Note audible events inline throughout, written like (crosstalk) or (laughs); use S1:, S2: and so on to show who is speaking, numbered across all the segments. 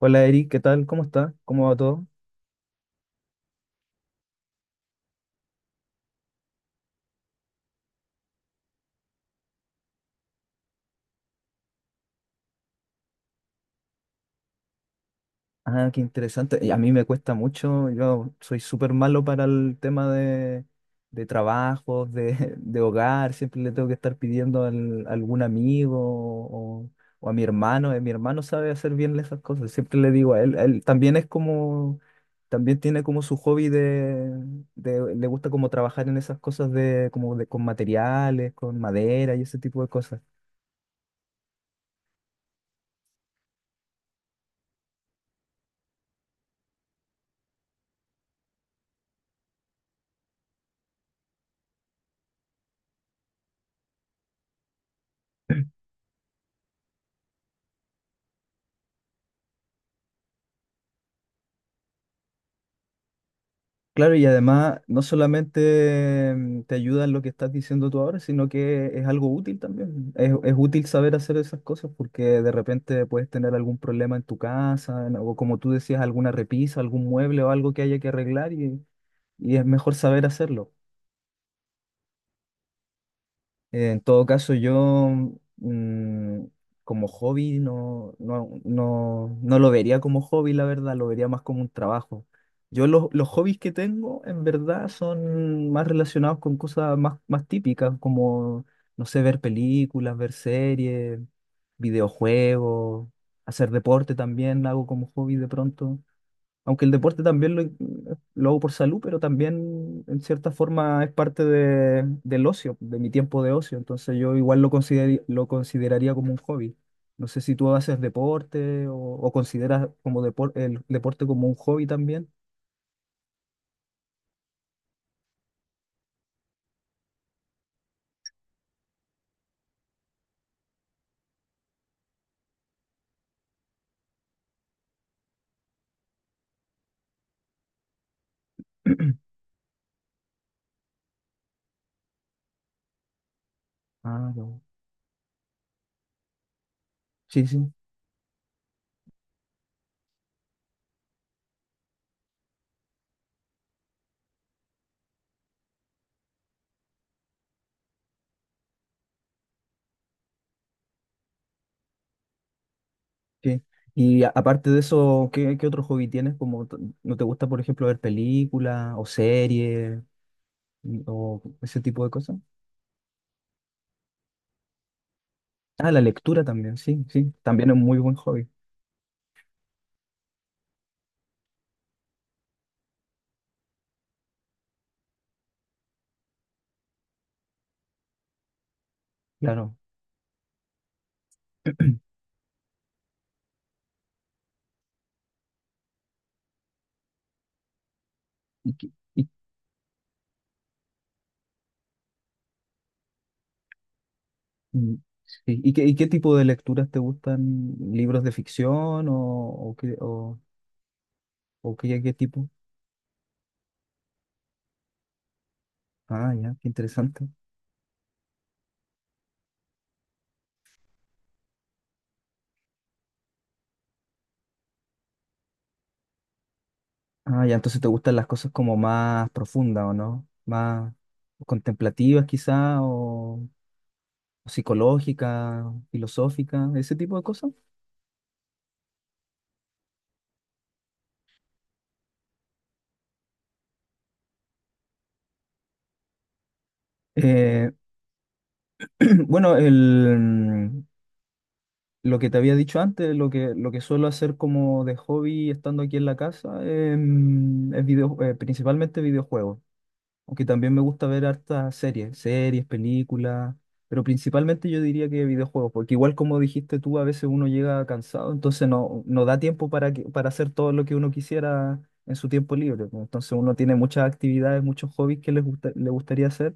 S1: Hola Eric, ¿qué tal? ¿Cómo está? ¿Cómo va todo? Ah, qué interesante. Y a mí me cuesta mucho, yo soy súper malo para el tema de trabajos, (laughs) de hogar, siempre le tengo que estar pidiendo a algún amigo, o a mi hermano. Mi hermano sabe hacer bien esas cosas, siempre le digo a él, él también es como, también tiene como su hobby. Le gusta como trabajar en esas cosas de, como de, con materiales, con madera y ese tipo de cosas. Claro, y además no solamente te ayuda en lo que estás diciendo tú ahora, sino que es algo útil también. Es útil saber hacer esas cosas porque de repente puedes tener algún problema en tu casa, o como tú decías, alguna repisa, algún mueble o algo que haya que arreglar, y es mejor saber hacerlo. En todo caso, yo mm, como hobby no lo vería como hobby, la verdad, lo vería más como un trabajo. Yo los hobbies que tengo, en verdad, son más relacionados con cosas más típicas, como, no sé, ver películas, ver series, videojuegos, hacer deporte también, lo hago como hobby de pronto. Aunque el deporte también lo hago por salud, pero también en cierta forma es parte del ocio, de mi tiempo de ocio. Entonces yo igual lo consideraría como un hobby. No sé si tú haces deporte o consideras como el deporte como un hobby también. (clears throat) Ah, ya. Sí, sí, sí. Y aparte de eso, ¿qué otro hobby tienes? Como, ¿no te gusta, por ejemplo, ver películas o series, o ese tipo de cosas? Ah, la lectura también, sí, sí. También es muy buen hobby. Claro. ¿Y qué, y, y- sí, ¿y qué tipo de lecturas te gustan? ¿Libros de ficción o, qué, o, o qué tipo? Ah, ya, qué interesante. Ah, ya, entonces te gustan las cosas como más profundas, ¿o no? Más contemplativas quizá, o psicológicas, filosóficas, ese tipo de cosas. Eh, (clears throat) bueno, lo que te había dicho antes, lo que suelo hacer como de hobby estando aquí en la casa, es principalmente videojuegos. Aunque también me gusta ver hartas series, películas, pero principalmente yo diría que videojuegos, porque igual como dijiste tú, a veces uno llega cansado, entonces no da tiempo para hacer todo lo que uno quisiera en su tiempo libre, pues. Entonces uno tiene muchas actividades, muchos hobbies que les gusta, le gustaría hacer,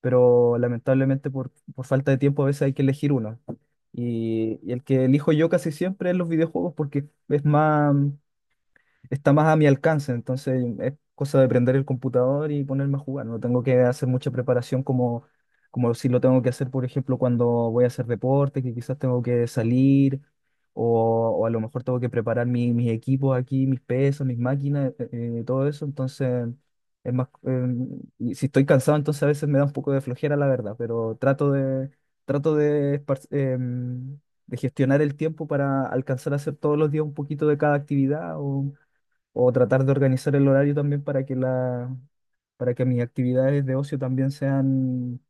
S1: pero lamentablemente por falta de tiempo a veces hay que elegir uno. Y el que elijo yo casi siempre es los videojuegos porque es más, está más a mi alcance, entonces es cosa de prender el computador y ponerme a jugar. No tengo que hacer mucha preparación como, si lo tengo que hacer, por ejemplo, cuando voy a hacer deporte, que quizás tengo que salir, o a lo mejor tengo que preparar mis equipos aquí, mis pesos, mis máquinas, todo eso. Entonces, es más, y si estoy cansado, entonces a veces me da un poco de flojera, la verdad, pero trato de gestionar el tiempo para alcanzar a hacer todos los días un poquito de cada actividad, o tratar de organizar el horario también para que mis actividades de ocio también sean,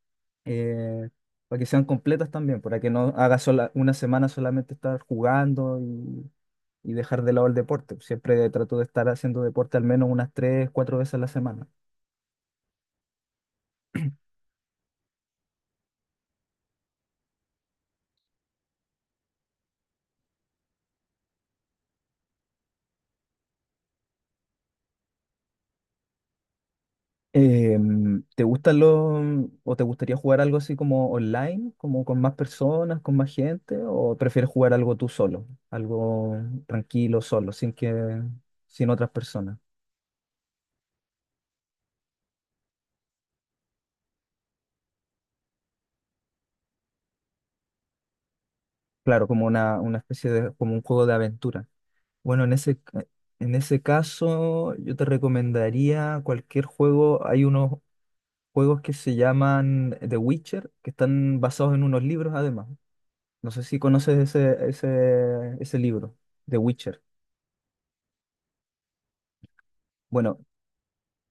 S1: eh, para que sean completas también, para que no haga sola, una semana solamente estar jugando, y dejar de lado el deporte. Siempre trato de estar haciendo deporte al menos unas 3, 4 veces a la semana. ¿Te gustan o te gustaría jugar algo así como online, como con más personas, con más gente, o prefieres jugar algo tú solo, algo tranquilo, solo, sin otras personas? Claro, como una especie de, como un juego de aventura. Bueno, en ese caso, yo te recomendaría cualquier juego. Hay unos juegos que se llaman The Witcher, que están basados en unos libros además. No sé si conoces ese libro, The Witcher. Bueno,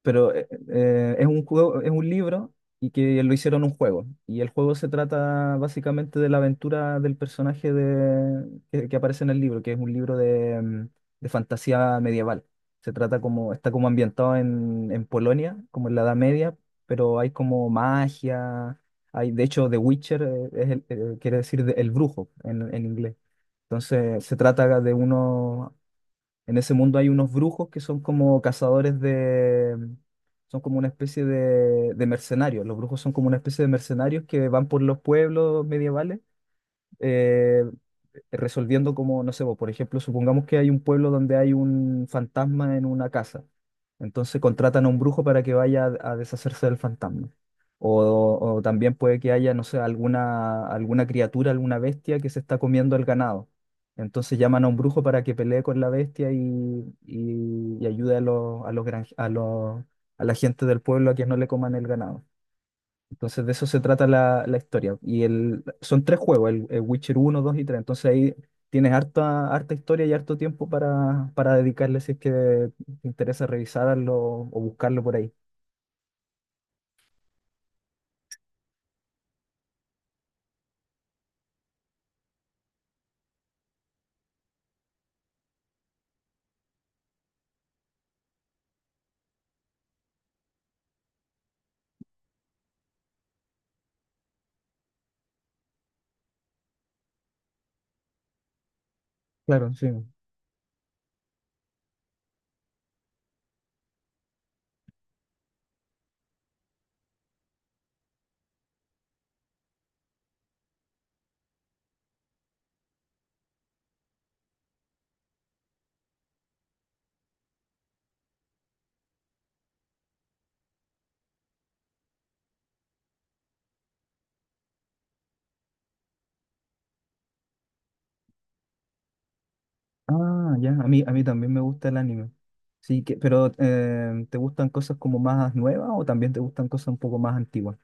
S1: pero es un juego, es un libro y que lo hicieron un juego. Y el juego se trata básicamente de la aventura del personaje que aparece en el libro, que es un libro de fantasía medieval. Se trata está como ambientado en Polonia, como en la Edad Media, pero hay como magia. Hay, de hecho, The Witcher quiere decir el brujo en inglés. Entonces se trata de unos en ese mundo hay unos brujos que son como cazadores de... Son como una especie de mercenarios. Los brujos son como una especie de mercenarios que van por los pueblos medievales, eh, resolviendo como, no sé, vos, por ejemplo, supongamos que hay un pueblo donde hay un fantasma en una casa. Entonces contratan a un brujo para que vaya a deshacerse del fantasma. O también puede que haya, no sé, alguna criatura, alguna bestia que se está comiendo el ganado. Entonces llaman a un brujo para que pelee con la bestia y ayude a los, granje- a los, a la gente del pueblo a que no le coman el ganado. Entonces de eso se trata la historia. Son tres juegos, el Witcher 1, 2 y 3. Entonces ahí tienes harta, harta historia y harto tiempo para dedicarle si es que te interesa revisarlo o buscarlo por ahí. Claro, sí. Ah, ya, a mí también me gusta el anime. Sí, pero ¿te gustan cosas como más nuevas o también te gustan cosas un poco más antiguas?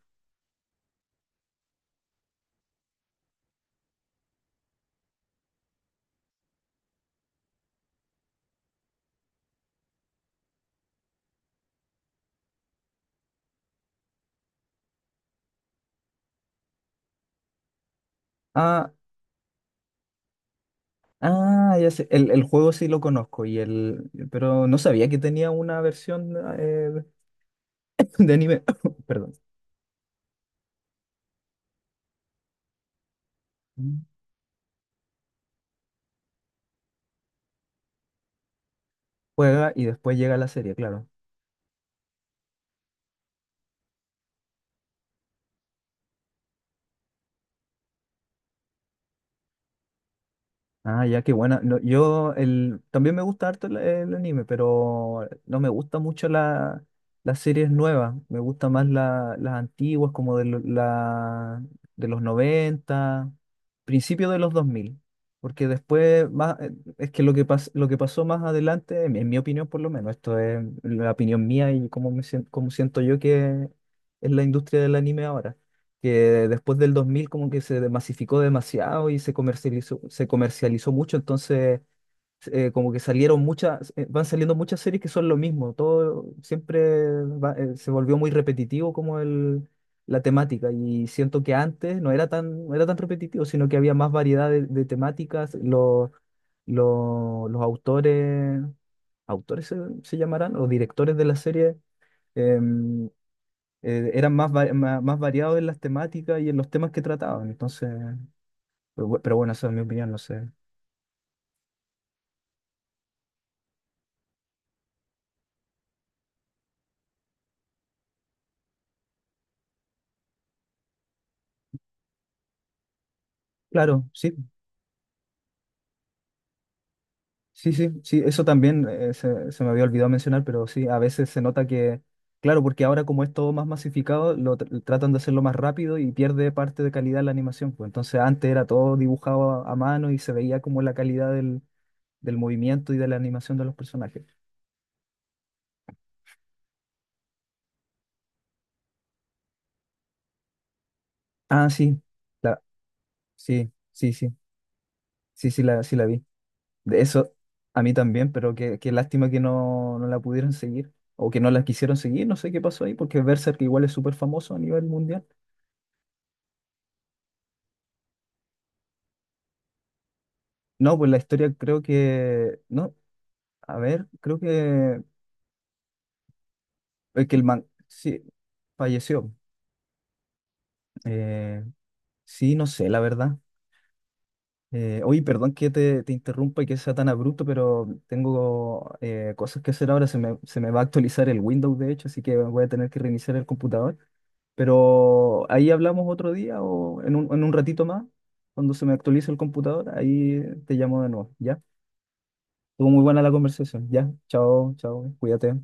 S1: Ah, ah, ya sé, el juego sí lo conozco, pero no sabía que tenía una versión (laughs) de anime. (coughs) Perdón. Juega y después llega la serie, claro. Ah, ya, qué buena. No, también me gusta harto el anime, pero no me gusta mucho las series nuevas. Me gusta más las antiguas, como de los 90, principio de los 2000. Porque después es que lo que pasó más adelante, en mi opinión por lo menos, esto es la opinión mía, y cómo siento yo que es la industria del anime ahora, que después del 2000 como que se masificó demasiado y se comercializó mucho. Entonces como que van saliendo muchas series que son lo mismo, todo siempre se volvió muy repetitivo, como la temática. Y siento que antes no era tan repetitivo, sino que había más variedad de temáticas. Los autores se llamarán, los directores de la serie. em, Eran más variados en las temáticas y en los temas que trataban. Entonces, pero bueno, esa es mi opinión, no sé. Claro, sí, sí, sí, sí, eso también, se me había olvidado mencionar, pero sí, a veces se nota que, claro, porque ahora como es todo más masificado, lo tratan de hacerlo más rápido y pierde parte de calidad la animación. Pues entonces antes era todo dibujado a mano y se veía como la calidad del movimiento y de la animación de los personajes. Ah, sí, la, sí, sí, sí, sí, sí, sí la vi. De eso, a mí también, pero qué lástima que no la pudieron seguir o que no la quisieron seguir, no sé qué pasó ahí, porque Berserk igual es súper famoso a nivel mundial. No, pues la historia creo que, no, a ver, creo que el man, sí, falleció. Eh, sí, no sé, la verdad. Oye, perdón que te interrumpa y que sea tan abrupto, pero tengo cosas que hacer ahora, se me va a actualizar el Windows, de hecho, así que voy a tener que reiniciar el computador. Pero ahí hablamos otro día o en un ratito más, cuando se me actualice el computador, ahí te llamo de nuevo, ¿ya? Estuvo muy buena la conversación, ¿ya? Chao, chao, cuídate.